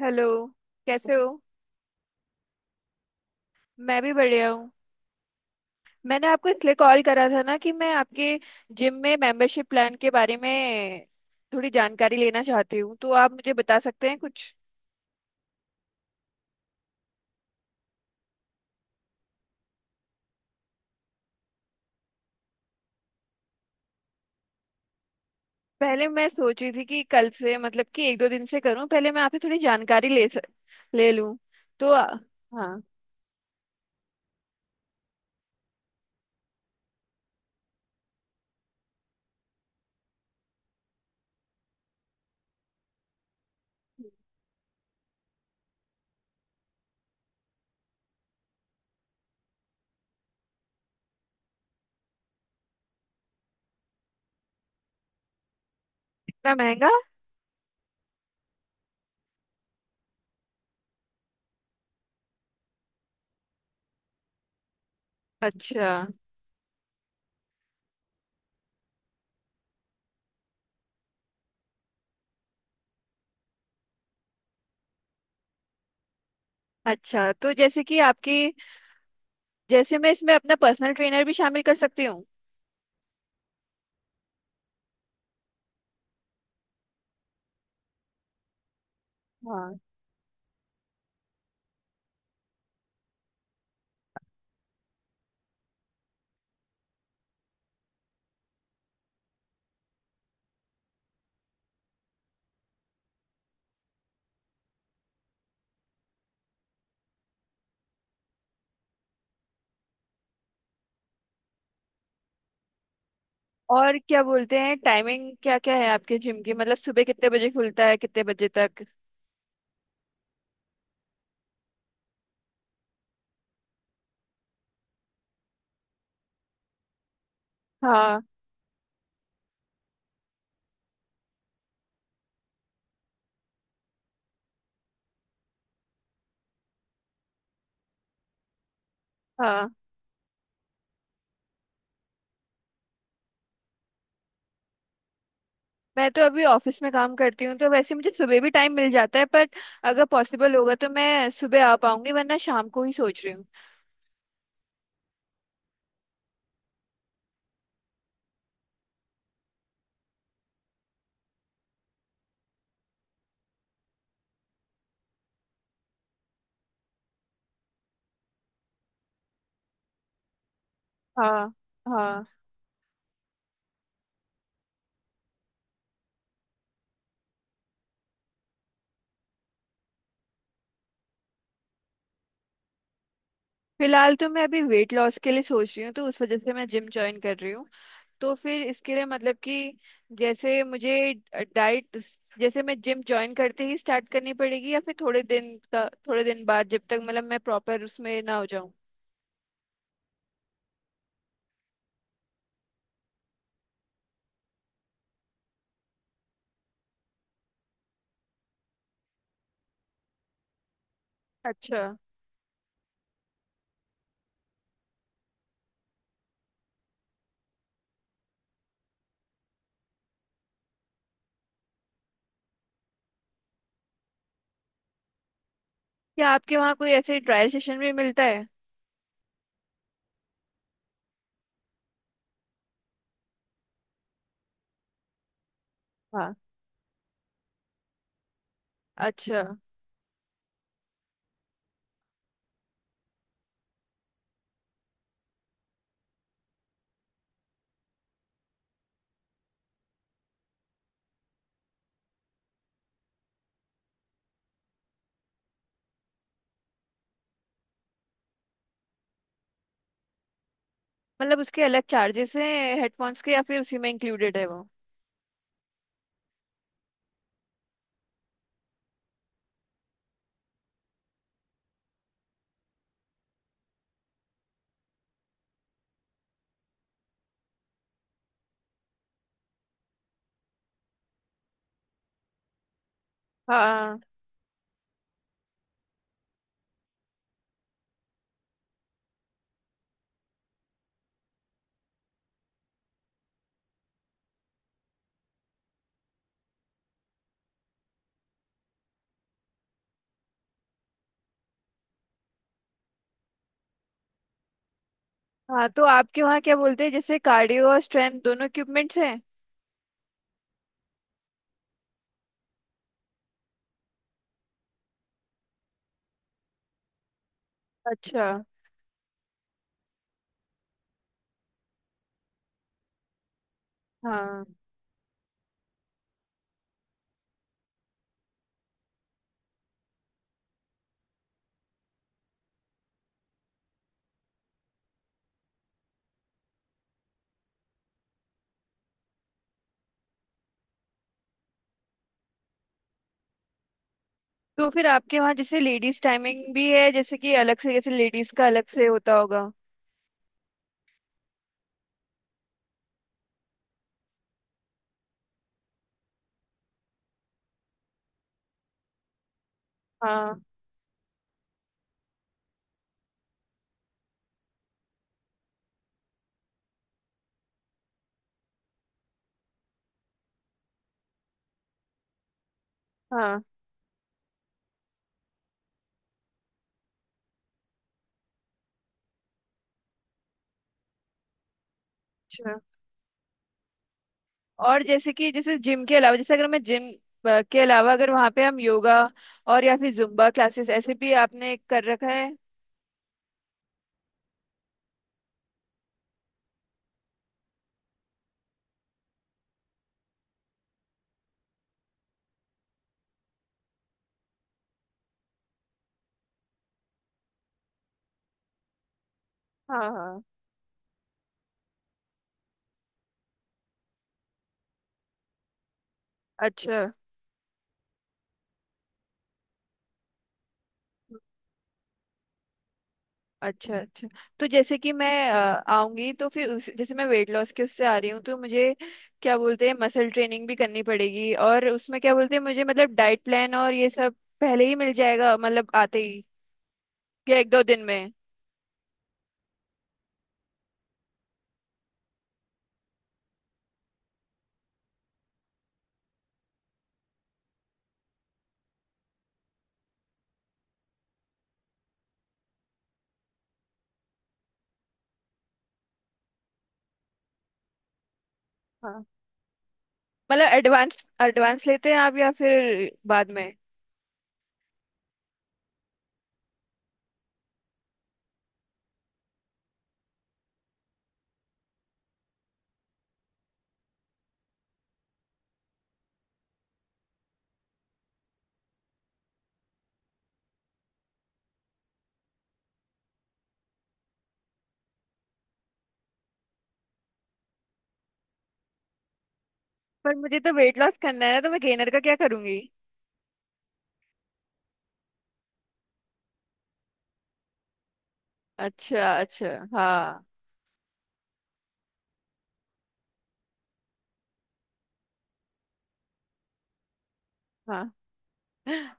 Hello. कैसे हो। मैं भी बढ़िया हूँ। मैंने आपको इसलिए कॉल करा था ना कि मैं आपके जिम में मेंबरशिप प्लान के बारे में थोड़ी जानकारी लेना चाहती हूँ, तो आप मुझे बता सकते हैं कुछ। पहले मैं सोची थी कि कल से मतलब कि एक दो दिन से करूँ, पहले मैं आपसे थोड़ी जानकारी ले लूँ। तो आ- हाँ, इतना महंगा। अच्छा। अच्छा, तो जैसे कि आपकी, जैसे मैं इसमें अपना पर्सनल ट्रेनर भी शामिल कर सकती हूँ। हाँ। और क्या बोलते हैं, टाइमिंग क्या क्या है आपके जिम की, मतलब सुबह कितने बजे खुलता है कितने बजे तक। हाँ। हाँ, मैं तो अभी ऑफिस में काम करती हूँ तो वैसे मुझे सुबह भी टाइम मिल जाता है, पर अगर पॉसिबल होगा तो मैं सुबह आ पाऊंगी, वरना शाम को ही सोच रही हूँ। हाँ हाँ फिलहाल तो मैं अभी वेट लॉस के लिए सोच रही हूँ, तो उस वजह से मैं जिम ज्वाइन कर रही हूँ। तो फिर इसके लिए मतलब कि, जैसे मुझे डाइट, जैसे मैं जिम ज्वाइन करते ही स्टार्ट करनी पड़ेगी या फिर थोड़े दिन का, थोड़े दिन बाद जब तक मतलब मैं प्रॉपर उसमें ना हो जाऊं। अच्छा, क्या आपके वहाँ कोई ऐसे ट्रायल सेशन भी मिलता है। हाँ। अच्छा, मतलब उसके अलग चार्जेस हैं हेडफोन्स के या फिर उसी में इंक्लूडेड है वो। हाँ। हाँ, तो आपके वहाँ क्या बोलते हैं जैसे कार्डियो और स्ट्रेंथ दोनों इक्विपमेंट्स हैं। अच्छा। हाँ, तो फिर आपके वहाँ जैसे लेडीज टाइमिंग भी है, जैसे कि अलग से, जैसे लेडीज का अलग से होता होगा। हाँ। हाँ। अच्छा। और जैसे कि जैसे जिम के अलावा, जैसे अगर मैं जिम के अलावा अगर वहाँ पे हम योगा और या फिर जुम्बा क्लासेस ऐसे भी आपने कर रखा है। हाँ हाँ। अच्छा। अच्छा, अच्छा तो जैसे कि मैं आऊंगी तो फिर उस, जैसे मैं वेट लॉस के उससे आ रही हूँ, तो मुझे क्या बोलते हैं मसल ट्रेनिंग भी करनी पड़ेगी, और उसमें क्या बोलते हैं मुझे मतलब डाइट प्लान और ये सब पहले ही मिल जाएगा मतलब आते ही, या एक दो दिन में। हाँ। मतलब एडवांस एडवांस लेते हैं आप या फिर बाद में। पर मुझे तो वेट लॉस करना है ना, तो मैं गेनर का क्या करूंगी। अच्छा, अच्छा। हाँ। हाँ।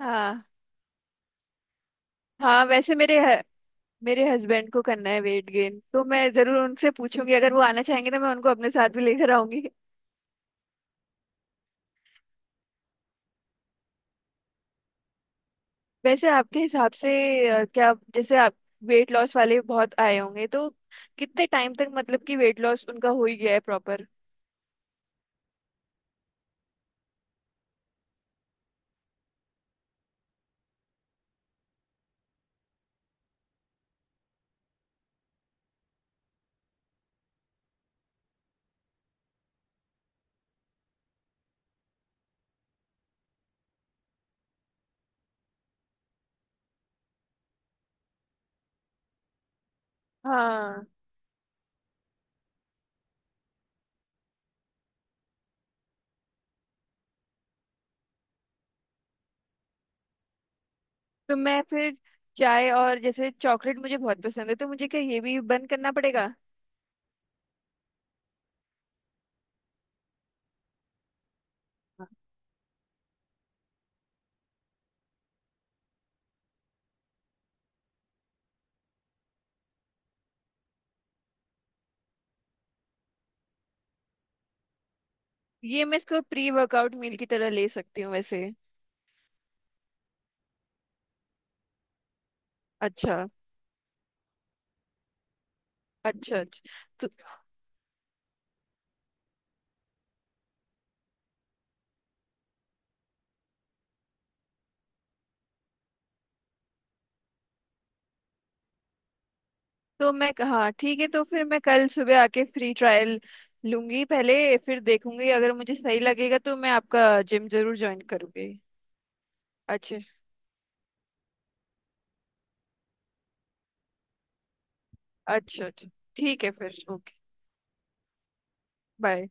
हाँ। हाँ, मेरे हस्बैंड को करना है वेट गेन, तो मैं जरूर उनसे पूछूंगी, अगर वो आना चाहेंगे तो मैं उनको अपने साथ भी लेकर आऊंगी। वैसे आपके हिसाब से क्या जैसे आप वेट लॉस वाले बहुत आए होंगे, तो कितने टाइम तक मतलब कि वेट लॉस उनका हो ही गया है प्रॉपर। हाँ। तो मैं फिर चाय और जैसे चॉकलेट मुझे बहुत पसंद है, तो मुझे क्या ये भी बंद करना पड़ेगा। ये मैं इसको प्री वर्कआउट मील की तरह ले सकती हूँ वैसे। अच्छा। अच्छा। तो, तो मैं, हाँ ठीक है, तो फिर मैं कल सुबह आके फ्री ट्रायल लूंगी पहले, फिर देखूंगी अगर मुझे सही लगेगा तो मैं आपका जिम जरूर ज्वाइन करूंगी। अच्छा। अच्छा, अच्छा ठीक है फिर। ओके। बाय।